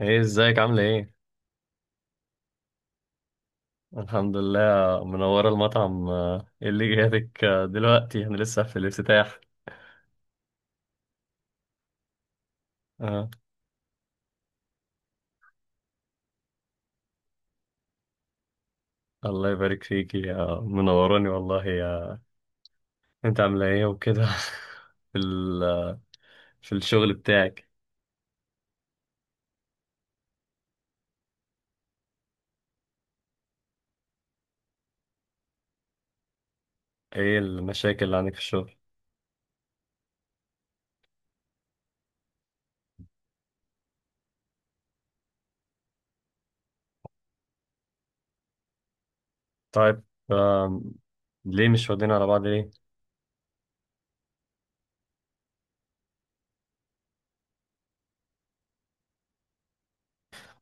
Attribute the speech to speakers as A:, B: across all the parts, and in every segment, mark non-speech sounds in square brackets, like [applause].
A: ايه، ازيك؟ عاملة ايه؟ الحمد لله. منورة المطعم. ايه اللي جاتك دلوقتي؟ احنا لسه في الافتتاح. آه. الله يبارك فيكي. منوراني والله. يا انت، عاملة ايه وكده؟ [laughs] في ال... آه، في الشغل بتاعك؟ ايه المشاكل اللي عندك في الشغل؟ طيب. آم، ليه مش واخدين على بعض، ليه؟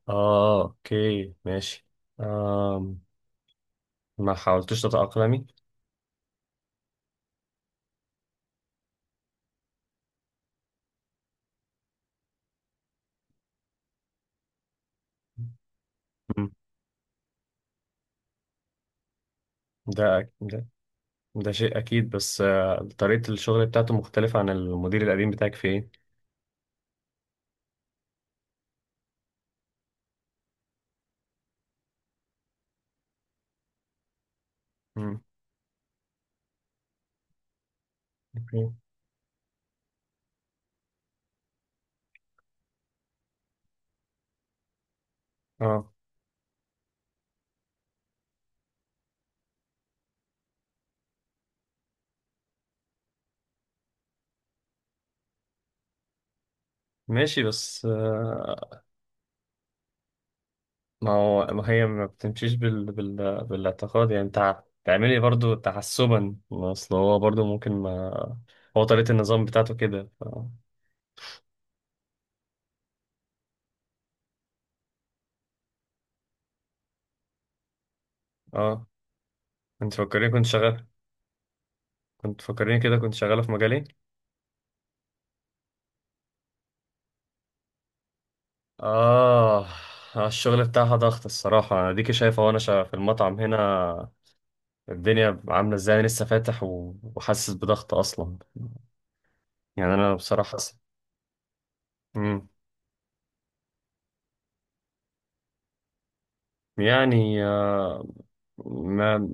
A: اه، اوكي، ماشي. آم، ما حاولتش تتأقلمي؟ مم. ده ده ده شيء أكيد، بس طريقة الشغل بتاعته مختلفة عن المدير القديم بتاعك في إيه؟ مم. أوكي. أه، ماشي، بس ما هو، ما هي ما بتمشيش بالاعتقاد، يعني أنت تعملي برضو تحسبا، ما أصل هو برضو ممكن ما هو طريقة النظام بتاعته كده، ف... أه، أنت فكرني، كنت شغال، كنت فكرني كده كنت شغالة في مجالي. آه. الشغل بتاعها ضغط الصراحة، أنا ديكي شايفة وأنا في المطعم هنا الدنيا عاملة ازاي. أنا لسه فاتح وحاسس بضغط أصلا، يعني أنا بصراحة حاسس. مم. يعني ما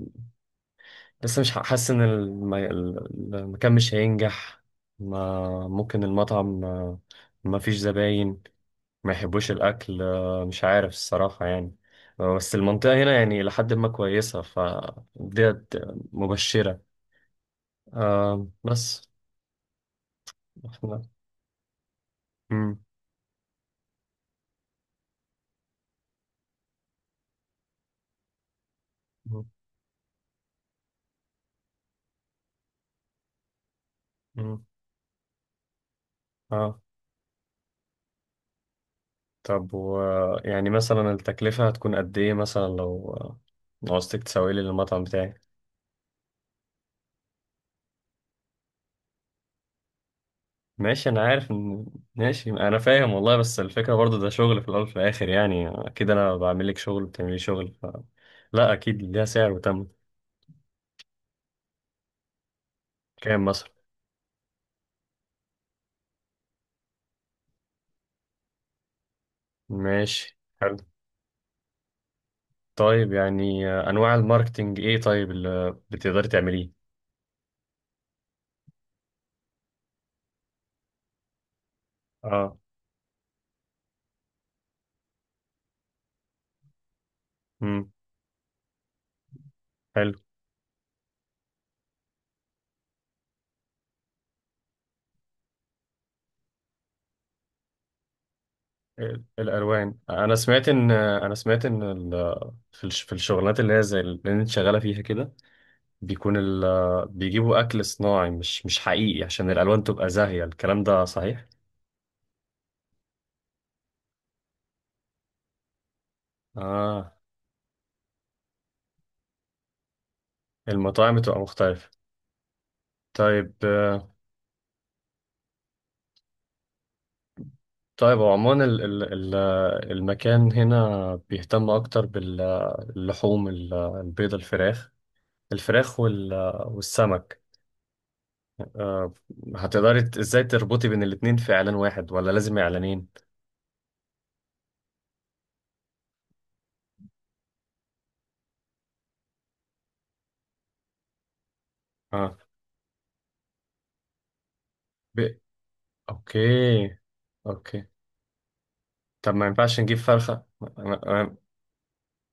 A: لسه مش حاسس إن المكان مش هينجح، ما ممكن المطعم ما فيش زباين، ما يحبوش الأكل، مش عارف الصراحة يعني. بس المنطقة هنا يعني لحد ما كويسة، فديت مبشرة، بس احنا. مم. مم. مم. اه، طب، و يعني مثلا التكلفة هتكون قد ايه، مثلا لو لو عوزتك تسوي لي المطعم بتاعي؟ ماشي، انا عارف ان، ماشي، انا فاهم والله، بس الفكرة برضو ده شغل، في الاول وفي الاخر يعني اكيد انا بعمل لك شغل بتعملي لي شغل، ف... لا اكيد ليها سعر، وتم. كام مثلا؟ ماشي، حلو. طيب يعني انواع الماركتينج ايه طيب اللي بتقدري تعمليه؟ اه. امم، حلو. الالوان، انا سمعت ان، انا سمعت ان ال... في الشغلانات اللي هي زي اللي انت شغالة فيها كده بيكون ال بيجيبوا أكل صناعي مش حقيقي عشان الألوان تبقى زاهية، الكلام ده صحيح؟ آه. المطاعم بتبقى مختلفة. طيب. طيب هو عموما المكان هنا بيهتم أكتر باللحوم، البيض، الفراخ، الفراخ والسمك. آه، هتقدري ازاي تربطي بين الاتنين في إعلان واحد ولا لازم إعلانين؟ اه. ب... اوكي. اوكي. طب ما ينفعش نجيب فرخة،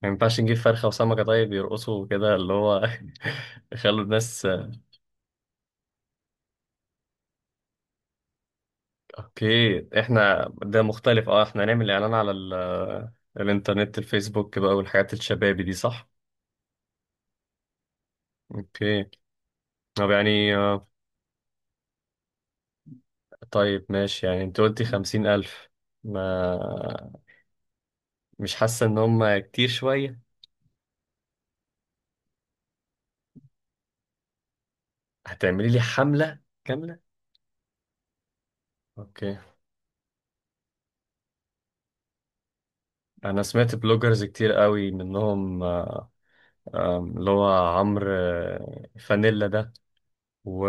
A: ما ينفعش نجيب فرخة وسمكة، طيب يرقصوا كده، اللي هو [laughs] يخلوا الناس. اوكي، احنا ده مختلف، اه احنا هنعمل اعلان على ال... الانترنت، الفيسبوك بقى والحاجات الشبابي دي، صح؟ اوكي. طب يعني طيب ماشي، يعني انت قلتي 50 ألف، ما مش حاسة ان هم كتير شوية؟ هتعملي لي حملة كاملة. اوكي. انا سمعت بلوجرز كتير قوي منهم، اللي هو عمرو فانيلا ده، و،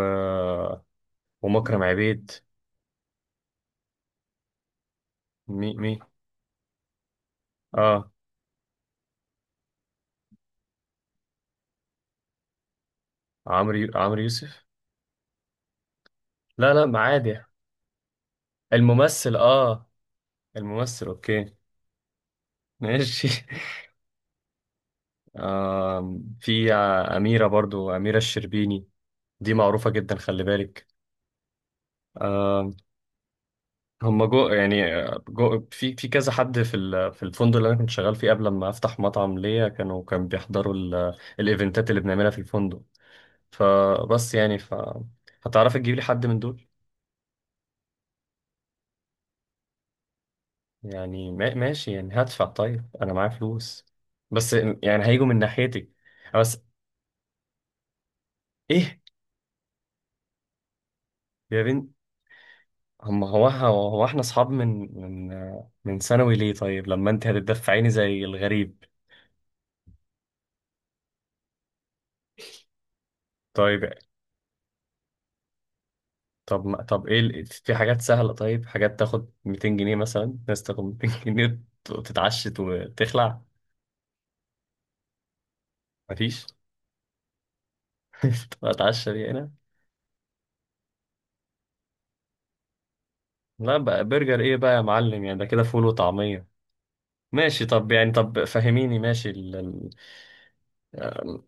A: ومكرم عبيد، مي مي. اه. عمرو يوسف؟ لا لا، ما عادي. الممثل، اه. الممثل. اوكي، ماشي. [laughs] آه في آه، أميرة، برضو أميرة الشربيني، دي معروفة جدا، خلي بالك. آه. هم جو يعني جو في في كذا حد في الفندق اللي انا كنت شغال فيه قبل ما افتح مطعم ليا، كانوا كان بيحضروا الايفنتات اللي بنعملها في الفندق، فبس يعني، ف هتعرفي تجيب لي حد من دول؟ يعني ماشي، يعني هدفع، طيب انا معايا فلوس، بس يعني هيجوا من ناحيتي. بس، ايه، يا بنت، هم هو احنا اصحاب من، من، من ثانوي، ليه طيب لما انت هتدفعيني زي الغريب؟ طيب. طب ما- طب ايه في حاجات سهلة؟ طيب، حاجات تاخد 200 جنيه مثلا، ناس تاخد 200 [laughs] جنيه تتعشت وتخلع. مفيش. [laughs] تبقى اتعشى دي هنا. لا بقى، برجر ايه بقى يا معلم؟ يعني ده كده فول وطعمية. ماشي. طب يعني، طب فهميني، ماشي ال-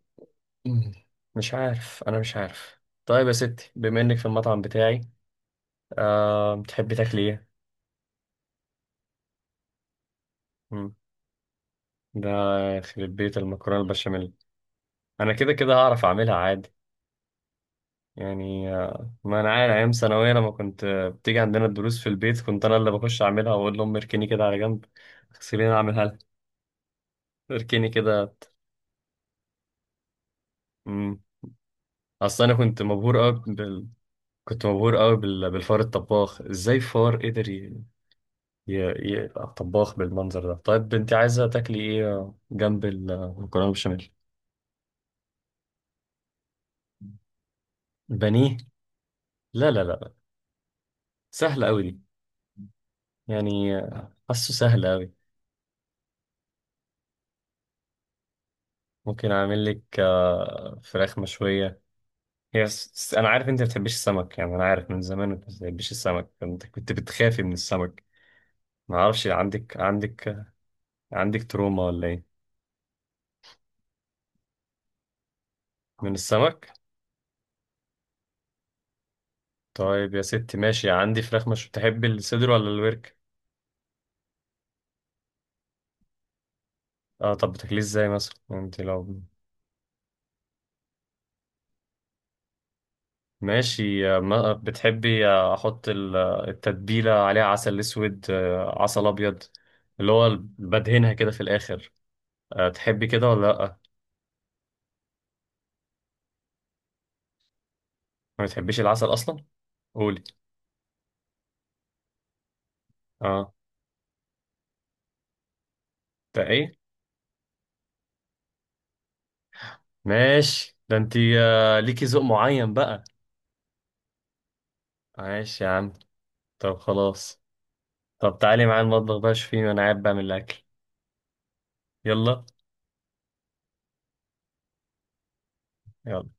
A: مم. مش عارف، انا مش عارف. طيب يا ستي، بما انك في المطعم بتاعي، أه، بتحبي تاكلي ايه؟ مم. ده، يخرب بيت المكرونه البشاميل. انا كده كده هعرف اعملها عادي. يعني ما انا عارف ايام ثانويه لما كنت بتيجي عندنا الدروس في البيت، كنت انا اللي بخش اعملها واقول لهم اركني كده على جنب، خليني اعملها لك، اركني كده. مم. اصل انا كنت مبهور قوي بال... كنت مبهور قوي بال... بالفار الطباخ، ازاي فار قدر يبقى طباخ بالمنظر ده؟ طيب انت عايزه تاكلي ايه جنب المكرونه بشاميل؟ بانيه؟ لا لا لا لا. سهله قوي دي. يعني حاسه سهله قوي. ممكن اعمل لك فراخ مشويه. هي انا عارف انت ما بتحبيش السمك، يعني انا عارف من زمان انت ما بتحبيش السمك، انت كنت بتخافي من السمك، ما اعرفش، عندك، عندك تروما ولا ايه من السمك؟ طيب يا ستي، ماشي، عندي فراخ. مش تحب الصدر ولا الورك؟ اه، طب بتاكليه ازاي مثلا؟ يعني انت لو، ماشي. بتحبي احط التتبيله عليها، عسل اسود عسل ابيض، اللي هو بدهنها كده في الاخر، تحبي كده ولا لا؟ ما بتحبيش العسل اصلا. قولي. اه. ده ايه؟ ماشي، ده انتي ليكي ذوق معين بقى. ماشي يا عم. طب خلاص. طب تعالي معايا المطبخ بقى، شوفي انا قاعد بعمل الاكل. يلا. يلا.